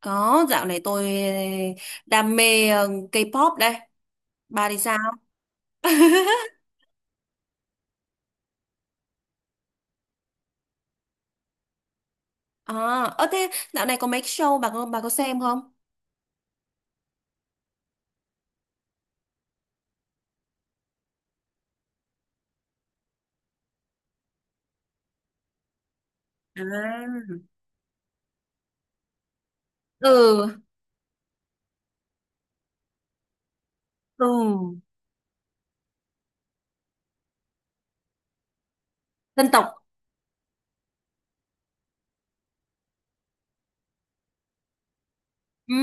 Có, dạo này tôi đam mê K-pop đây. Bà thì sao? À, thế dạo này có mấy cái show bà có xem không? À. Ừ, ừ, dân tộc. Ừ,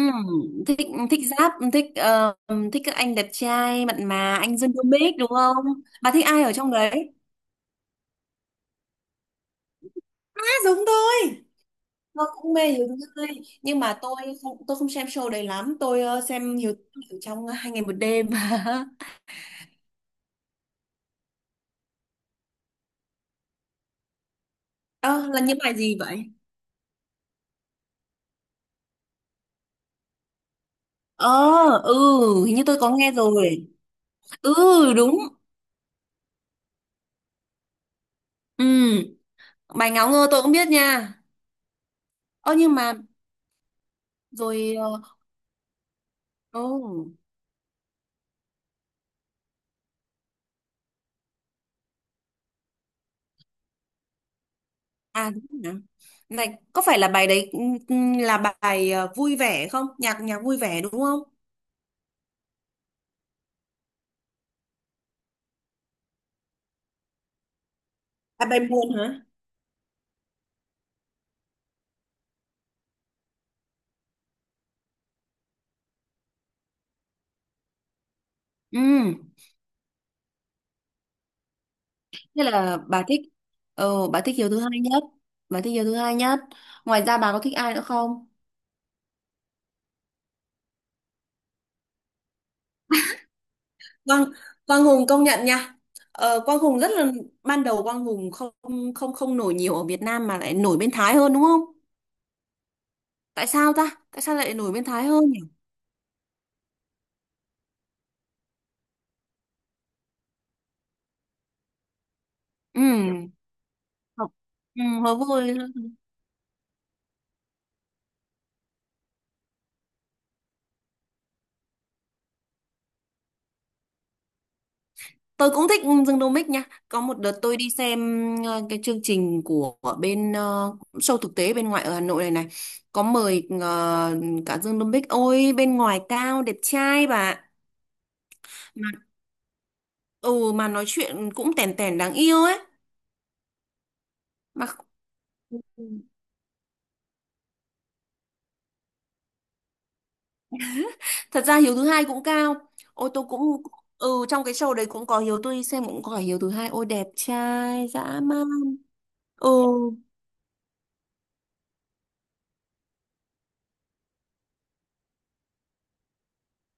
thích thích rap, thích thích các anh đẹp trai mặn mà, anh Dương Domic đúng không? Bà thích ai ở trong đấy? À, giống tôi. Tôi cũng mê Hiếu Tươi nhưng mà tôi không xem show đấy lắm, tôi xem Hiếu Tươi ở trong hai ngày một đêm. Ơ, là những bài gì vậy? Ờ, ừ, hình như tôi có nghe rồi. Ừ, đúng. Ừ, bài ngáo ngơ tôi cũng biết nha. Ơ nhưng mà rồi oh, à đúng rồi nhỉ. Này, có phải là bài đấy, ừ, ừ, là bài vui vẻ không? Nhạc nhạc vui vẻ đúng không? À, bài buồn hả? Ừ, thế là bà thích, ờ bà thích Hiếu thứ hai nhất. Bà thích Hiếu thứ hai nhất. Ngoài ra bà có thích ai nữa không? Quang Quang Hùng công nhận nha. Ờ, Quang Hùng rất là ban đầu Quang Hùng không không không nổi nhiều ở Việt Nam mà lại nổi bên Thái hơn đúng không? Tại sao ta? Tại sao lại nổi bên Thái hơn nhỉ? Ừ. Hợp- Ừ, hợp vui. Tôi cũng thích Dương Đô Mích nha. Có một đợt tôi đi xem cái chương trình của bên show thực tế bên ngoài ở Hà Nội này này. Có mời cả Dương Đô Mích. Ôi bên ngoài cao đẹp trai bà. Mà ừ mà nói chuyện cũng tèn tèn đáng yêu ấy. Mà thật ra Hiếu thứ hai cũng cao, ôi tôi cũng ừ trong cái show đấy cũng có Hiếu, tôi xem cũng có Hiếu thứ hai, ôi đẹp trai dã man. Ừ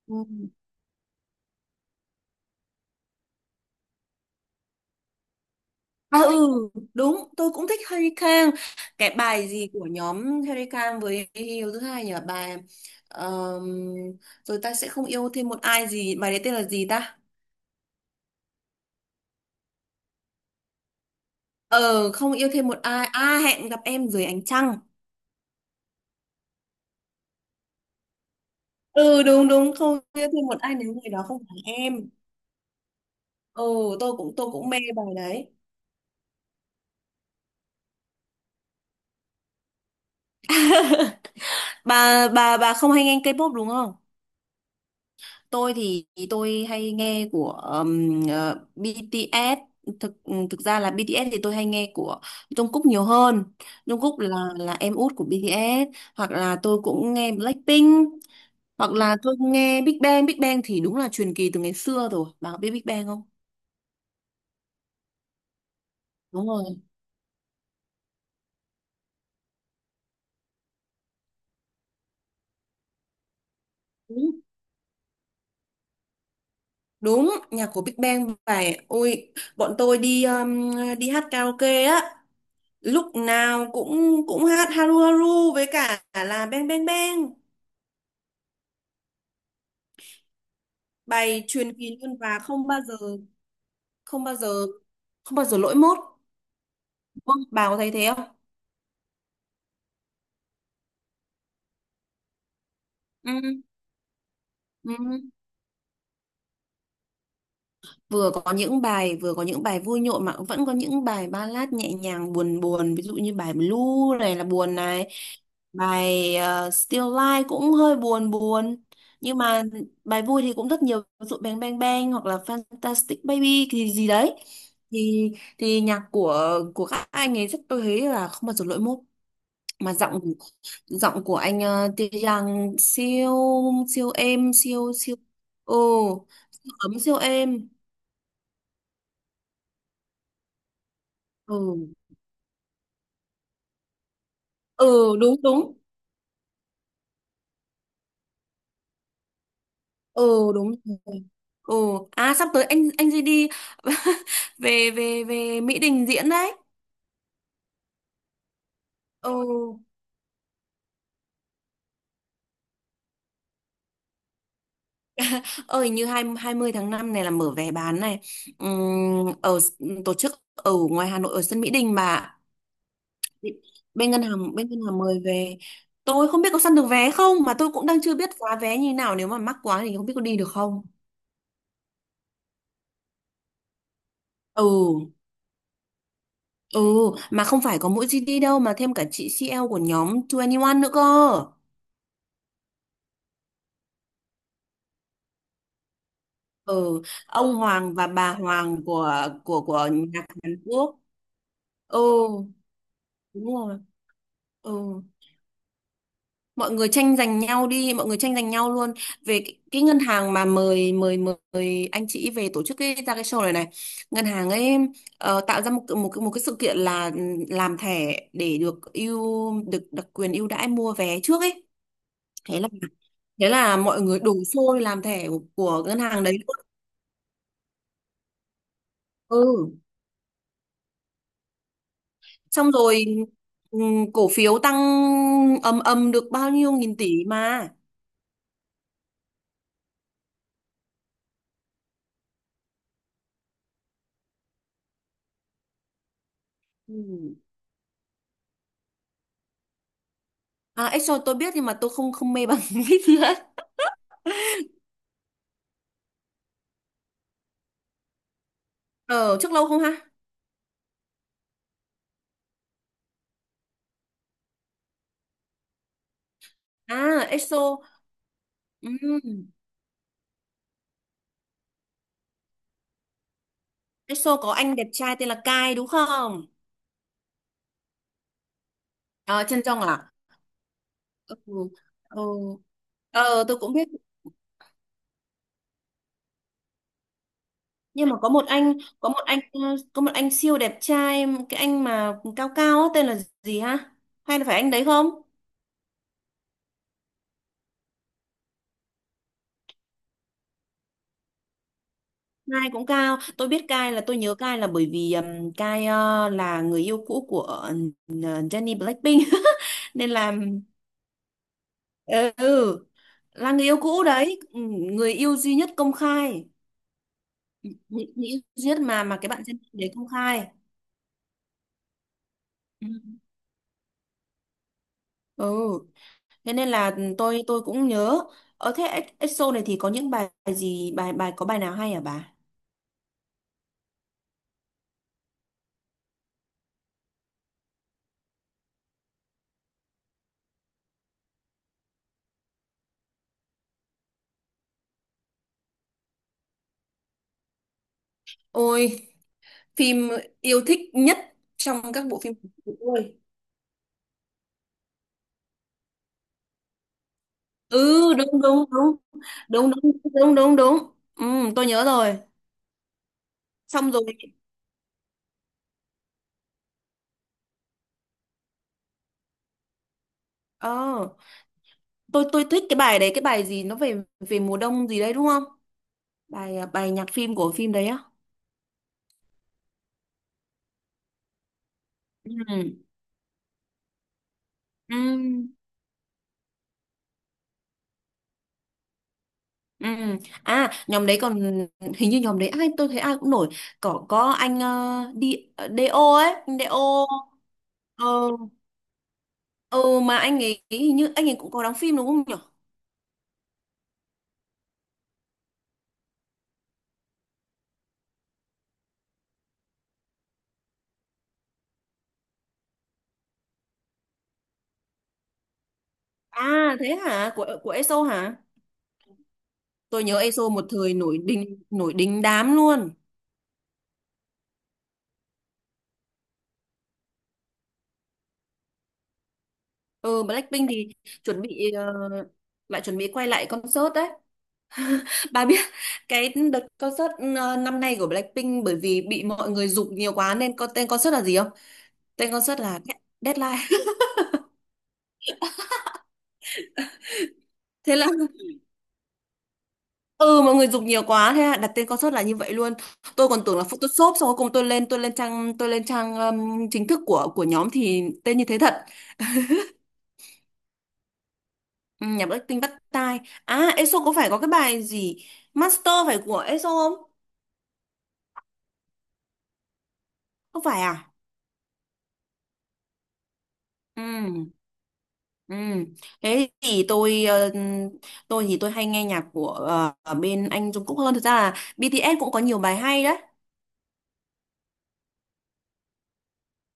ừ. À ừ đúng tôi cũng thích Harry Kang. Cái bài gì của nhóm Harry Kang với Hiếu thứ hai nhỉ, bài ờm, rồi ta sẽ không yêu thêm một ai, gì bài đấy tên là gì ta? Ờ không yêu thêm một ai, à hẹn gặp em dưới ánh trăng, ừ đúng đúng, không yêu thêm một ai nếu người đó không phải em. Ừ tôi cũng mê bài đấy. Bà không hay nghe K-pop đúng không? Tôi thì tôi hay nghe của BTS. Thực Thực ra là BTS thì tôi hay nghe của Jungkook nhiều hơn. Jungkook là em út của BTS. Hoặc là tôi cũng nghe Blackpink hoặc là tôi nghe Big Bang. Big Bang thì đúng là truyền kỳ từ ngày xưa rồi, bà có biết Big Bang không? Đúng rồi. Đúng. Đúng, nhạc của Big Bang phải ôi bọn tôi đi đi hát karaoke á, lúc nào cũng cũng hát Haru Haru với cả là Bang Bang Bang. Bài truyền kỳ luôn và không bao giờ không bao giờ lỗi mốt đúng không? Bà có thấy thế không? Ừ. Ừ. Vừa có những bài vui nhộn mà cũng vẫn có những bài ballad nhẹ nhàng buồn buồn, ví dụ như bài Blue này là buồn này, bài Still Life cũng hơi buồn buồn. Nhưng mà bài vui thì cũng rất nhiều, ví dụ Bang Bang Bang hoặc là Fantastic Baby thì gì đấy, thì thì nhạc của các anh ấy rất tôi thấy là không bao giờ lỗi mốt. Mà giọng giọng của anh Tae siêu, siêu êm, siêu siêu ừ siêu ấm siêu êm. Ừ ừ đúng đúng. Ừ đúng rồi. Ừ. À sắp tới anh gì đi về về về Mỹ Đình diễn đấy. Ừ ơi như hai 20 tháng 5 này là mở vé bán này. Ừm, ở s- tổ chức ở ngoài Hà Nội ở sân Mỹ Đình mà. Bên ngân hàng mời về, tôi không biết có săn được vé không mà tôi cũng đang chưa biết giá vé như nào, nếu mà mắc quá thì không biết có đi được không. Ừ ừ mà không phải có mỗi GD đâu mà thêm cả chị CL của nhóm 21 nữa cơ. Ừ ông Hoàng và bà Hoàng của nhạc Hàn Quốc. Ừ đúng rồi. Ừ mọi người tranh giành nhau đi, mọi người tranh giành nhau luôn về cái ngân hàng mà mời mời mời anh chị về tổ chức cái ra cái show này này, ngân hàng ấy tạo ra một cái- một cái- một cái sự kiện là làm thẻ để được ưu được đặc quyền ưu đãi mua vé trước ấy. thế là Thế là mọi người đổ xô đi làm thẻ của ngân hàng đấy luôn. Ừ xong rồi cổ phiếu tăng ầm ầm được bao nhiêu nghìn tỷ mà. Ừ. À Exo tôi biết nhưng mà tôi không không mê bằng Vip nữa. Ờ trước lâu không ha. À Exo ừm, Exo có anh đẹp trai tên là Kai đúng không? À, Trân Trọng à. Ừ. Ừ. Ờ tôi cũng biết nhưng mà có một anh ờ, có một anh siêu đẹp trai cái anh mà cao cao á, tên là gì ha, hay là phải anh đấy không? Cai cũng cao, tôi biết Cai là tôi nhớ Cai là bởi vì Cai là người yêu cũ của Jennie Blackpink nên là ừ ừ, là người yêu cũ đấy. Ừ, người yêu duy nhất công khai, người người yêu duy nhất mà cái bạn Jennie đấy công khai. Ừ. Ừ, thế nên là tôi cũng nhớ. Ở thế EXO này thì có những bài gì, bài bài có bài nào hay hả bà? Ôi, phim yêu thích nhất trong các bộ phim của tôi. Ừ đúng đúng đúng đúng đúng đúng đúng đúng. Ừ, tôi nhớ rồi. Xong rồi ờ tôi thích cái bài đấy, cái bài gì nó về về mùa đông gì đấy đúng không, bài à, bài nhạc phim của phim đấy á. Ừ ừ ừ. À nhóm đấy còn hình như nhóm đấy ai tôi thấy ai cũng nổi, có anh đi DO ấy, anh DO ờ ừ mà anh ấy hình như anh ấy cũng có đóng phim đúng không nhỉ. À thế hả, của ESO hả? Tôi nhớ EXO một thời nổi đình đám luôn. Ừ Blackpink thì chuẩn bị lại chuẩn bị quay lại concert đấy. Bà biết cái đợt concert năm nay của Blackpink bởi vì bị mọi người giục nhiều quá nên có tên concert là gì không? Tên concert là Deadline. Thế là ừ mọi người giục nhiều quá thế là đặt tên concert là như vậy luôn. Tôi còn tưởng là Photoshop xong cuối cùng tôi lên tôi lên trang chính thức của nhóm thì tên như thế thật. Ừ, nhạc Blackpink bắt tai. À, ESO có phải có cái bài gì? Master phải của ESO không? Không phải à? Ừ. Ừ. Thế thì tôi tôi thì tôi hay nghe nhạc của ở bên anh Jungkook Cúc hơn. Thực ra là BTS cũng có nhiều bài hay đấy.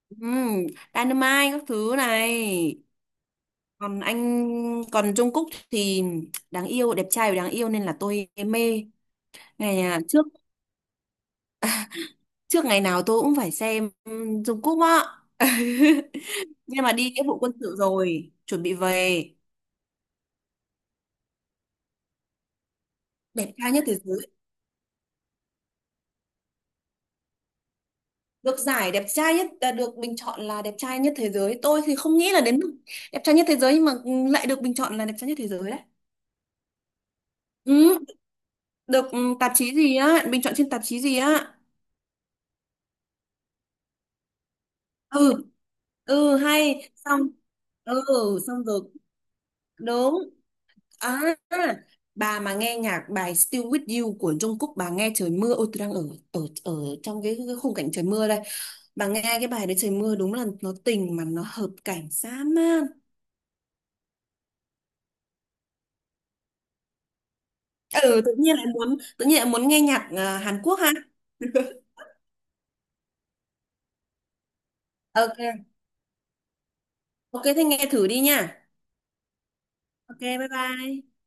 Ừ. Dynamite các thứ này. Còn anh Còn Jungkook thì đáng yêu, đẹp trai và đáng yêu nên là tôi mê. Ngày à, trước, trước ngày nào tôi cũng phải xem Jungkook Cúc á. Nhưng mà đi nghĩa vụ quân sự rồi chuẩn bị về đẹp trai nhất thế giới. Được giải đẹp trai nhất, à, được bình chọn là đẹp trai nhất thế giới, tôi thì không nghĩ là đến mức đẹp trai nhất thế giới nhưng mà lại được bình chọn là đẹp trai nhất thế giới đấy. Ừ, được ừ, tạp chí gì á bình chọn trên tạp chí gì á. Ừ ừ hay xong. Ừ xong rồi đúng. À, bà mà nghe nhạc bài Still With You của Jungkook bà nghe trời mưa, ôi tôi đang ở ở ở trong cái khung cảnh trời mưa đây, bà nghe cái bài đấy trời mưa đúng là nó tình mà nó hợp cảnh dã man. Ừ tự nhiên lại muốn nghe nhạc à, Hàn Quốc ha. Ok ok thế nghe thử đi nha. Ok bye bye.